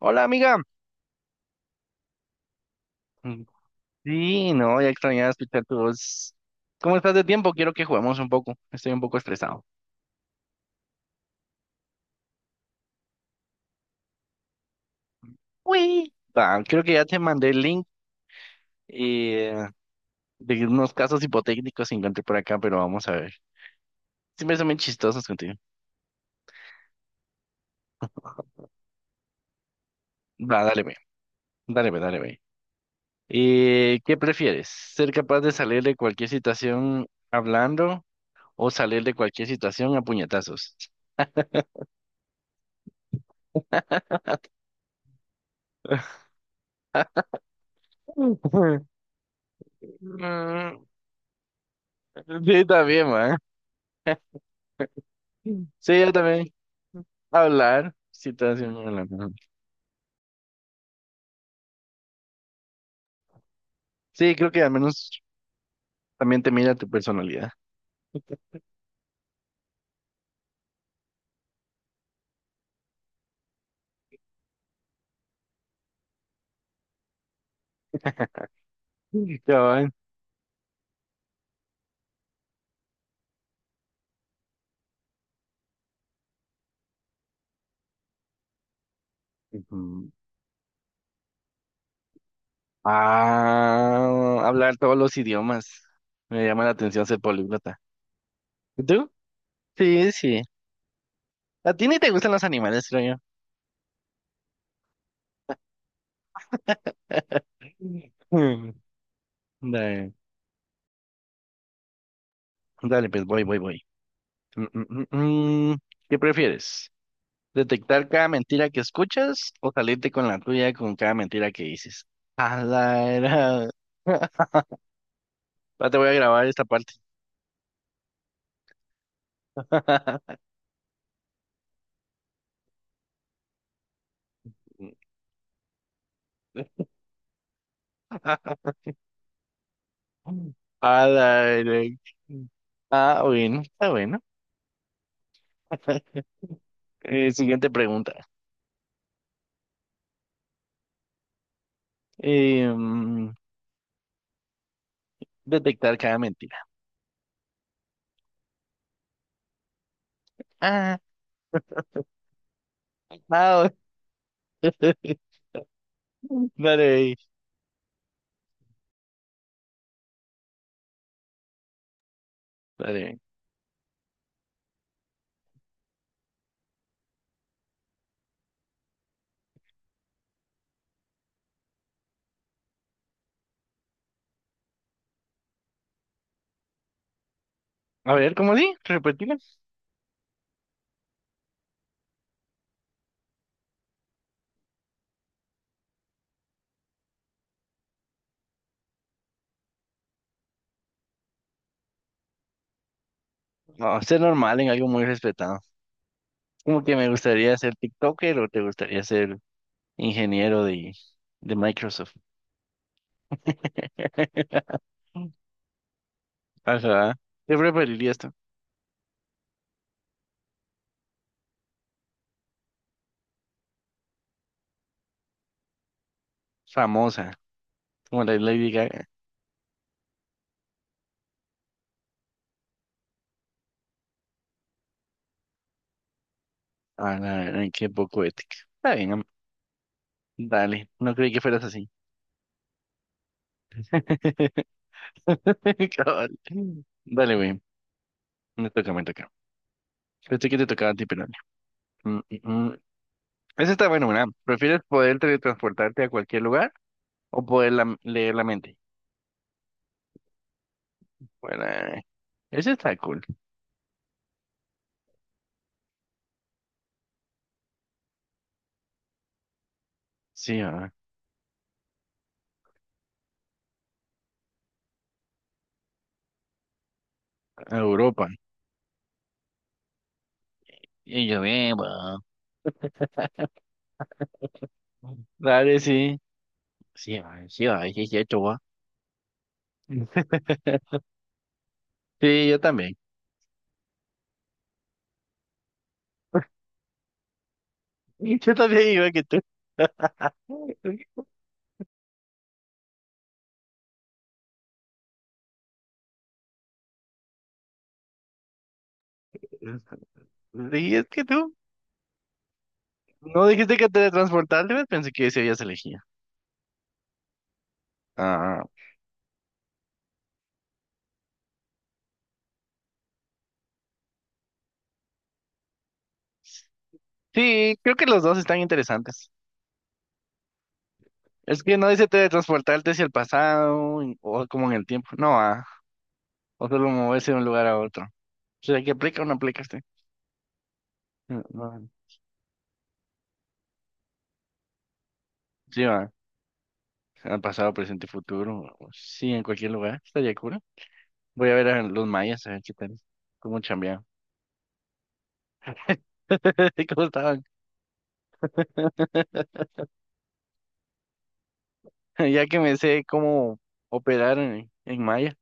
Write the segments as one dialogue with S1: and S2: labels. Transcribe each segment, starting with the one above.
S1: Hola, amiga. Mm, sí, no, ya extrañaba escuchar tu voz. ¿Cómo estás de tiempo? Quiero que juguemos un poco. Estoy un poco estresado. Uy. Va, creo que ya te mandé el link eh, de unos casos hipotéticos que encontré por acá, pero vamos a ver. Siempre son bien chistosos contigo. Va, dale, ve. Dale, ve, dale, ve. ¿Qué prefieres? ¿Ser capaz de salir de cualquier situación hablando o salir de cualquier situación a puñetazos? Mm, sí, también, sí, yo también. Hablar, sí, te hace hablar. Sí, creo que al menos también te mira tu personalidad. Cabal. Ujú. Ah, hablar todos los idiomas. Me llama la atención ser políglota. ¿Y tú? Sí, sí. A ti ni te gustan los animales, creo yo. Mm. Dale, dale, pues voy, voy, voy. Mm, mm, mm, mm. ¿Qué prefieres? Detectar cada mentira que escuchas o salirte con la tuya con cada mentira que dices. A la era. Ya te voy a grabar esta parte. A la era. Ah, bueno, está bueno. Siguiente pregunta. Eh, mm, detectar cada mentira. Ah, ah, dale, dale. A ver, ¿cómo di? ¿Repetirla? No, ser normal en algo muy respetado. Como que me gustaría ser TikToker o te gustaría ser ingeniero de Microsoft. Ajá. ¿Qué preferirías tú? Famosa, como la Lady Gaga. Ah, la verdad, qué poco ética. Está bien, am- dale. No creí que fueras así. Cabal. Dale, güey. Me toca, me toca. Pensé que te tocaba a ti, pero dale. Mm, mm, mm. Esa está bueno, ¿verdad? ¿Prefieres poder teletransportarte a cualquier lugar o poder leer la mente? Bueno, ese está cool. Sí, ah, a Europa. Y yo, bien, va. Dale, sí. Sí, ay, sí, ay, sí, sí, hecho, guau. Sí, yo también. Yo también iba que tú. Sí, es que tú. No dijiste que teletransportarte, ¿ves? Pensé que ese ya se elegía. Ah, sí, creo que los dos están interesantes. Es que no dice teletransportarte hacia el pasado y- o como en el tiempo. No, ah, o solo moverse de un lugar a otro. O sea, que aplica o no aplica este. No, no. Sí, va. Al pasado, presente y futuro. Sí, en cualquier lugar. Estaría cura. Voy a ver a los mayas, a ver qué tal. Cómo chambean. ¿Cómo estaban? Ya que me sé cómo operar en maya,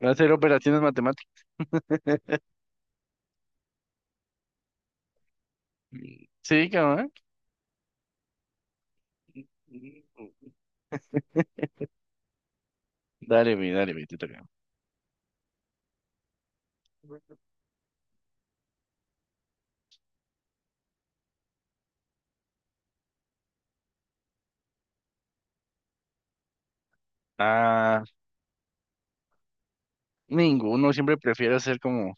S1: hacer operaciones matemáticas. Sí, cabrón. Dale, mi, te toca. Ah, ninguno, siempre prefiero ser como.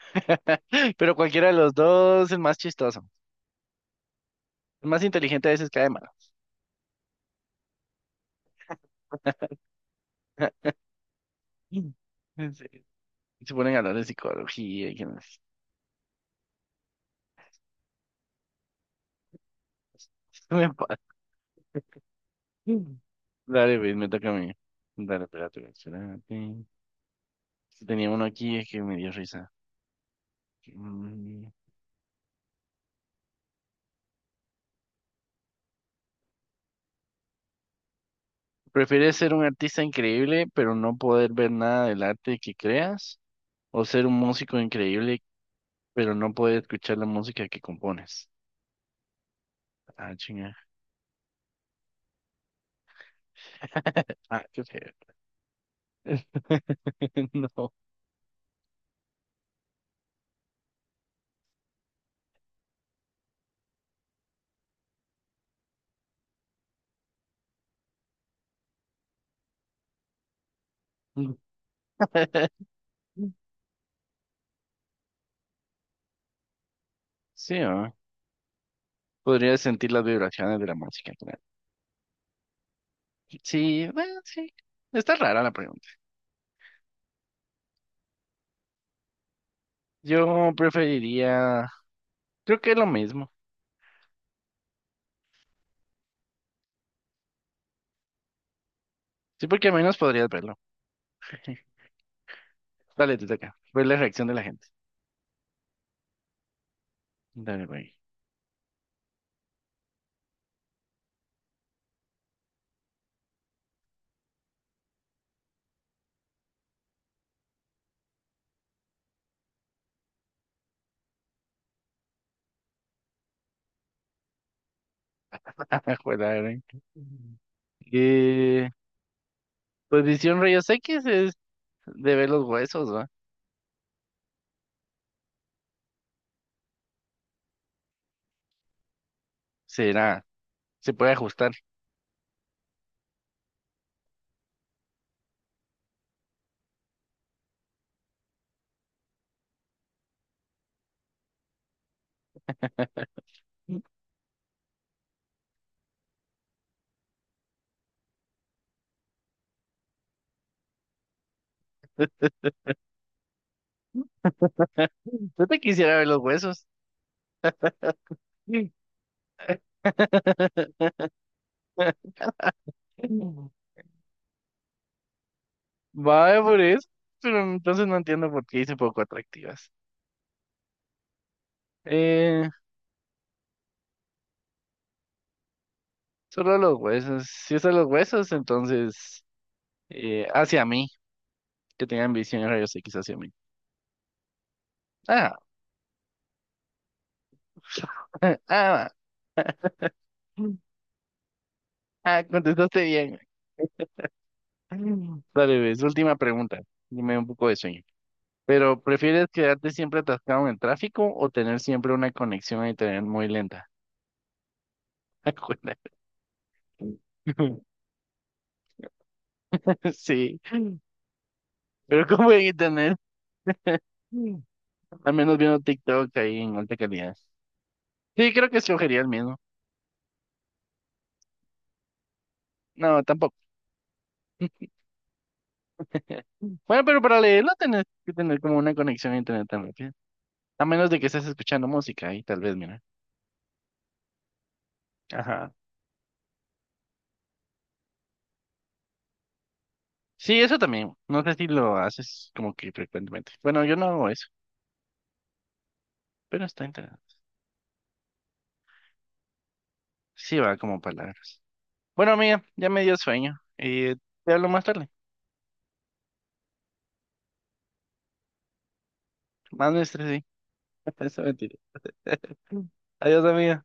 S1: Pero cualquiera de los dos es más chistoso. El más inteligente a veces cae mal. Sí, se ponen a hablar de psicología y que no sé. Me pa- dale, güey, me toca a mí. Dale, espérate, güey, espérate. Sí, tenía uno aquí es que me dio risa. Mm, ¿Prefieres ser un artista increíble pero no poder ver nada del arte que creas? ¿O ser un músico increíble pero no poder escuchar la música que compones? Ah, chinga. Ah, qué feo. No. Sí, ¿no? Podrías sentir las vibraciones de la música, claro. Sí, bueno, sí. Está rara la pregunta. Yo preferiría, creo que es lo mismo. Sí, porque al menos podrías verlo. Dale, te toca. Ver la reacción de la gente. Dale, güey. Ajuela, ¿eh? Eh, pues visión rayos X es de ver los huesos, ¿va? Será, se puede ajustar. Yo te quisiera ver los huesos. Sí. Vaya por eso. Pero entonces no entiendo por qué hice poco atractivas. Eh, solo los huesos. Si es a los huesos, entonces hacia mí, que tengan visión de rayos X hacia mí. Ah, ah, ah, contestaste bien. Mm. Dale, ves, última pregunta. Dime un poco de sueño. Pero, ¿prefieres quedarte siempre atascado en el tráfico o tener siempre una conexión a internet muy lenta? Acuérdate. Sí, pero cómo en internet, al menos viendo TikTok ahí en alta calidad. Sí, creo que escogería el mismo. No, tampoco. Bueno, pero para leerlo tenés que tener como una conexión a internet tan rápida. A menos de que estés escuchando música ahí, tal vez, mira. Ajá. Sí, eso también. No sé si lo haces como que frecuentemente. Bueno, yo no hago eso. Pero está interesante. Sí, va como palabras. Bueno, amiga, ya me dio sueño. Y te hablo más tarde. Más me estresé. Eso mentira. Adiós, amiga.